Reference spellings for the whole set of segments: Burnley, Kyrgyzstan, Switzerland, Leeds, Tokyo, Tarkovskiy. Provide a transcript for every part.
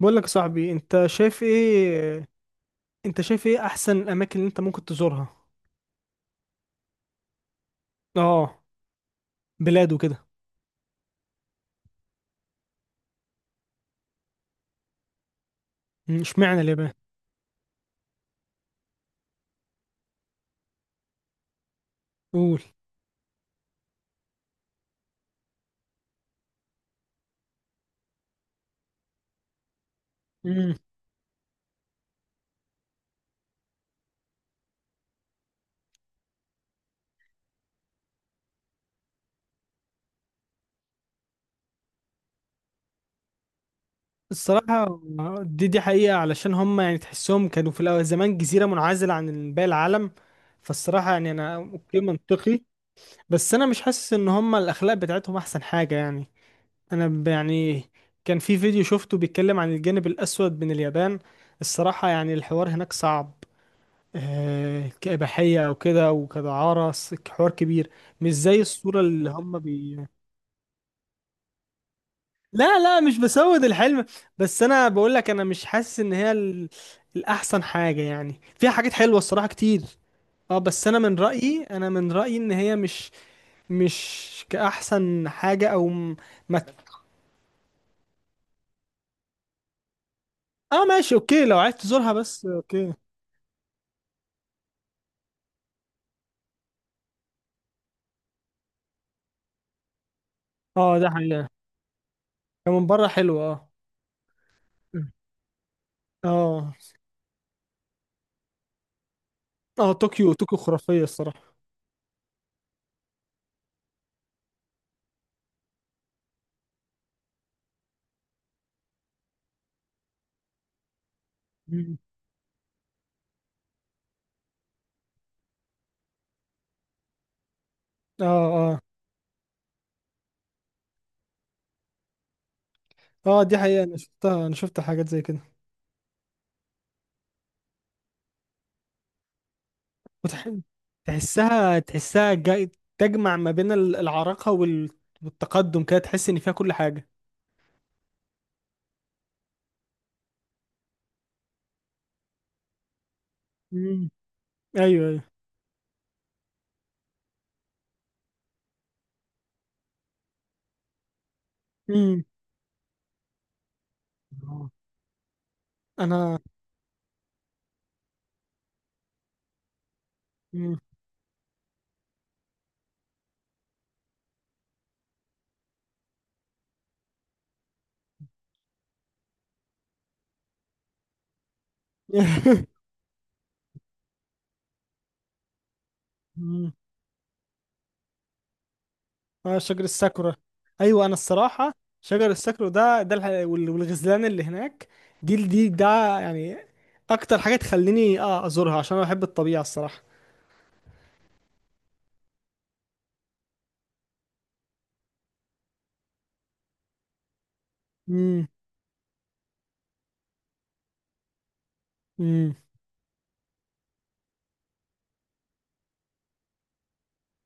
بقول لك يا صاحبي، انت شايف ايه احسن الاماكن اللي انت ممكن تزورها؟ اه، بلاد وكده. اشمعنى اليابان؟ قول. امم. الصراحه، دي حقيقه، علشان هم يعني تحسهم كانوا في الأول زمان جزيره منعزله عن باقي العالم. فالصراحه يعني انا اوكي، منطقي، بس انا مش حاسس ان هم الاخلاق بتاعتهم احسن حاجه يعني. يعني كان في فيديو شفته بيتكلم عن الجانب الاسود من اليابان. الصراحه يعني الحوار هناك صعب. كإباحية أو كده وكدعارة حوار كبير. مش زي الصورة اللي هم. لا، لا، مش بسود الحلم. بس أنا بقول لك، أنا مش حاسس إن هي. الأحسن حاجة، يعني فيها حاجات حلوة الصراحة كتير. اه، بس أنا من رأيي إن هي مش. مش كأحسن حاجة أو. ما اه، ماشي، أوكي، لو عايز تزورها بس، أوكي. اه، ده حقيقة. هي من بره حلوة، اه، اه، اه، طوكيو طوكيو خرافية الصراحة. مم. اه، اه، اه، دي حقيقة، انا شفتها، انا شفت حاجات زي كده. وتح... تحسها تجمع ما بين العراقة والتقدم كده، تحس ان فيها كل حاجة. امم. ايوه، ايوه. امم. آه. انا... امم. امم. اه، شجر الساكورا. ايوه، انا الصراحة. شجر الساكورا ده، والغزلان اللي هناك. دي دي ده يعني. اكتر حاجة تخليني ازورها، عشان انا بحب الطبيعة الصراحة. امم.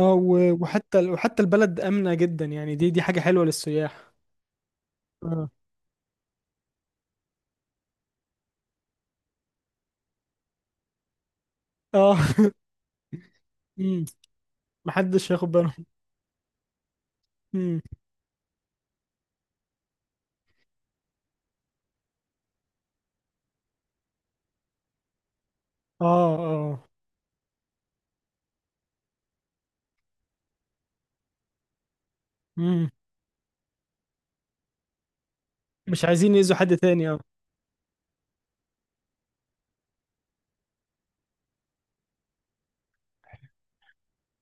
اه، وحتى البلد آمنة جدا، يعني دي حاجة حلوة للسياح. اه، اه، مم. محدش ياخد باله. مم. اه، اه. مم. مش عايزين يأذوا حد تاني، اه.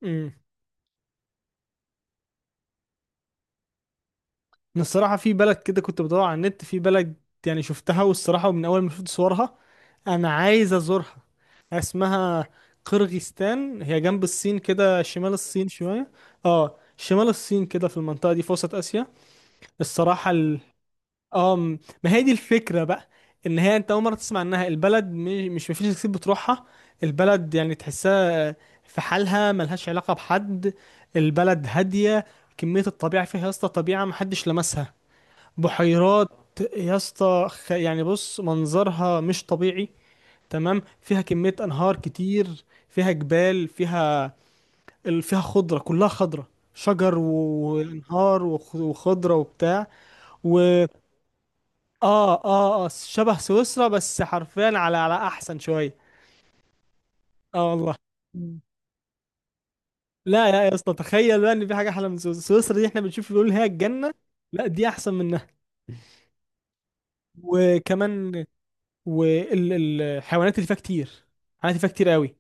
مم. أنا الصراحة في بلد كده، كنت بدور على النت، في بلد، يعني شفتها، والصراحة من أول ما شفت صورها، أنا عايز أزورها. اسمها قرغيزستان، هي جنب الصين كده، شمال الصين شوية. اه، شمال الصين كده، في المنطقة دي، في وسط آسيا. الصراحة، ما هي دي الفكرة بقى. إن هي، أنت أول مرة تسمع، إنها البلد مش مفيش ناس كتير بتروحها. البلد يعني تحسها، في حالها، ملهاش علاقة بحد. البلد هادية. كمية الطبيعة فيها يا اسطى، طبيعة محدش لمسها. بحيرات يا اسطى، يعني بص، منظرها مش طبيعي. تمام، فيها كمية أنهار كتير، فيها جبال، فيها خضرة، كلها خضرة، شجر، وأنهار، وخضرة وبتاع. اه، اه، اه، شبه سويسرا، بس حرفيا على احسن شويه. اه، والله. مم. لا، يا اسطى، تخيل بقى ان في حاجه احلى من سويسرا، سويسرا دي احنا بنشوف بيقول هي الجنه. لا، دي احسن منها. وكمان. والحيوانات اللي فيها كتير. حيوانات اللي فيها كتير قوي.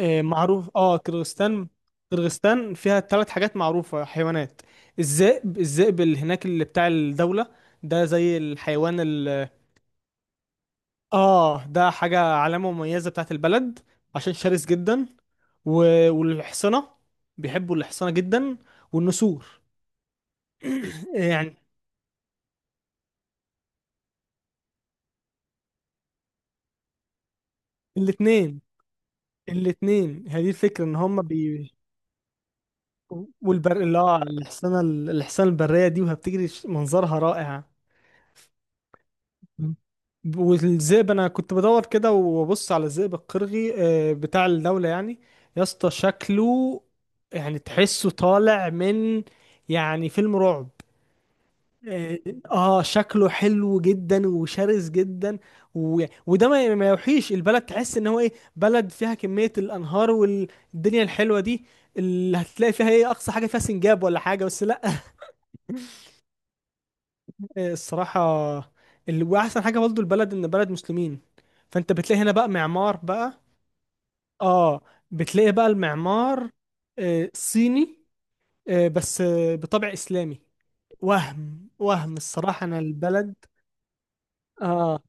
آه، معروف، كرغستان. كرغستان فيها 3 حاجات معروفه، حيوانات. الذئب اللي هناك، اللي بتاع الدوله، ده زي الحيوان. اه، ده حاجة، علامة مميزة بتاعت البلد. عشان شرس جدا. والحصنة. بيحبوا الحصنة جدا. والنسور. يعني الاتنين الاتنين، هي دي الفكرة ان هم بي. والبر اللي هو الحصانة، الحصانة البرية دي وهي بتجري منظرها رائع. م. والذئب، انا كنت بدور كده وابص على الذئب القرغي، بتاع الدولة يعني. يا اسطى شكله، يعني تحسه طالع من، يعني فيلم رعب. اه. شكله حلو جدا وشرس جدا. وده ما يوحيش، البلد تحس ان هو ايه، بلد فيها كمية الانهار والدنيا الحلوة دي، اللي هتلاقي فيها ايه؟ اقصى حاجة فيها سنجاب ولا حاجة، بس لا. الصراحة. واحسن حاجة برضه البلد، ان بلد مسلمين. فانت بتلاقي هنا بقى معمار بقى. اه، بتلاقي بقى المعمار. صيني. بس بطبع اسلامي. وهم الصراحة انا البلد. اه،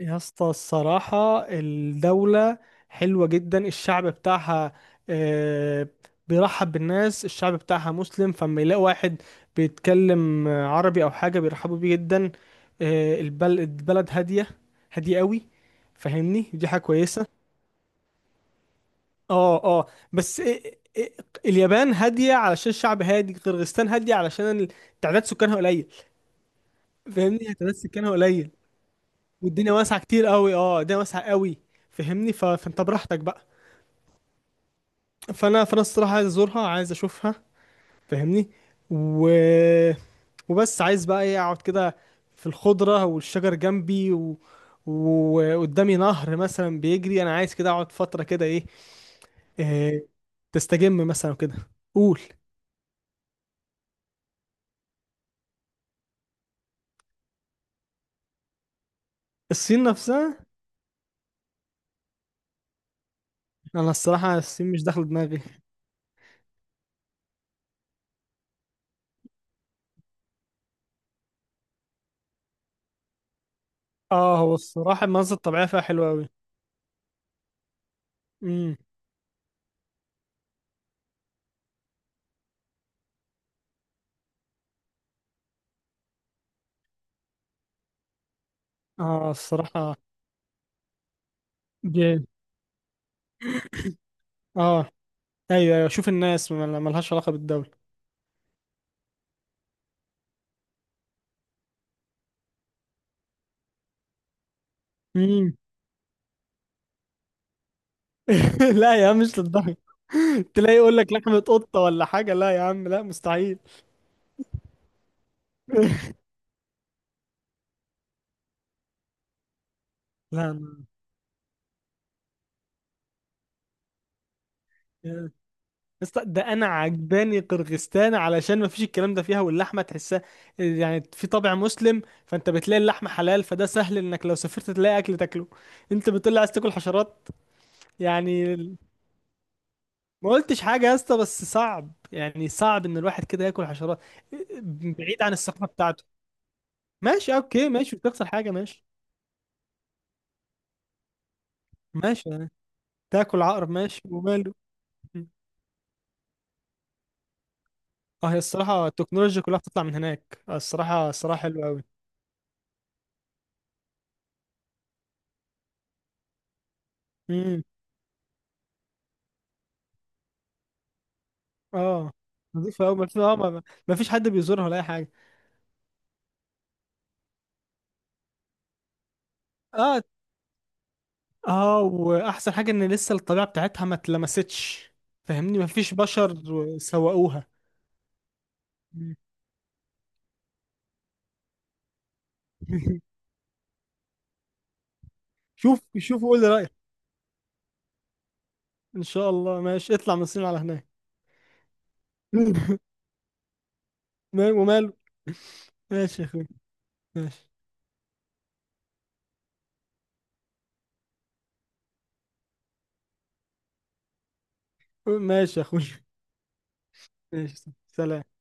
يا اسطى، الصراحة الدولة حلوة جدا، الشعب بتاعها، آه، بيرحب بالناس، الشعب بتاعها مسلم، فلما يلاقي واحد بيتكلم عربي أو حاجة بيرحبوا بيه جدا. البلد هادية، هادية قوي. فاهمني؟ دي حاجة كويسة. اه، اه. بس إيه- اليابان هادية علشان الشعب هادي، قرغيزستان هادية علشان تعداد سكانها قليل. فاهمني؟ يعني تعداد سكانها قليل، والدنيا واسعه كتير قوي، الدنيا واسعه قوي. فهمني، فانت براحتك بقى. فانا الصراحه عايز ازورها، عايز اشوفها. فهمني. و... وبس عايز بقى ايه، اقعد كده، في الخضره والشجر جنبي، وقدامي نهر مثلا بيجري، انا عايز كده اقعد فتره كده ايه. إيه، تستجم مثلا كده. قول. الصين نفسها؟ انا الصراحه الصين مش داخله دماغي. اه، هو الصراحه المناظر الطبيعيه فيها حلوه قوي. امم. اه، الصراحه. جامد. اه. ايوه، ايوه، شوف الناس ملهاش علاقه بالدوله. مم. لا، يا عم، مش للدرجه. تلاقي يقول لك لحمه قطه ولا حاجه؟ لا يا عم، لا، مستحيل. لا. يا اسطى، ده انا عجباني قرغستان علشان ما فيش الكلام ده فيها، واللحمه تحسها، يعني في طابع مسلم، فانت بتلاقي اللحمه حلال، فده سهل انك لو سافرت تلاقي اكل تاكله. انت بتقول لي عايز تاكل حشرات؟ يعني، ما قلتش حاجه يا اسطى، بس صعب، يعني صعب ان الواحد كده ياكل حشرات. بعيد عن الثقافه بتاعته. ماشي، اوكي، ماشي، مش تخسر حاجه، ماشي. ماشي يعني. تاكل عقرب ماشي وماله. مم. اه، هي الصراحه التكنولوجيا كلها بتطلع من هناك، الصراحه حلوه قوي. امم. اه، نظيفه قوي، ما في اه ما ما ما فيش حد بيزورها ولا اي حاجه. اه، اه، واحسن حاجه ان لسه الطبيعه بتاعتها ما اتلمستش. فاهمني؟ ما فيش بشر. سوقوها. مم. شوف شوف، قول لي رايك. ان شاء الله، ماشي، اطلع من الصين على هناك. وماله. ماشي يا اخوي، ماشي. ماشي يا اخوي. ماشي، سلام.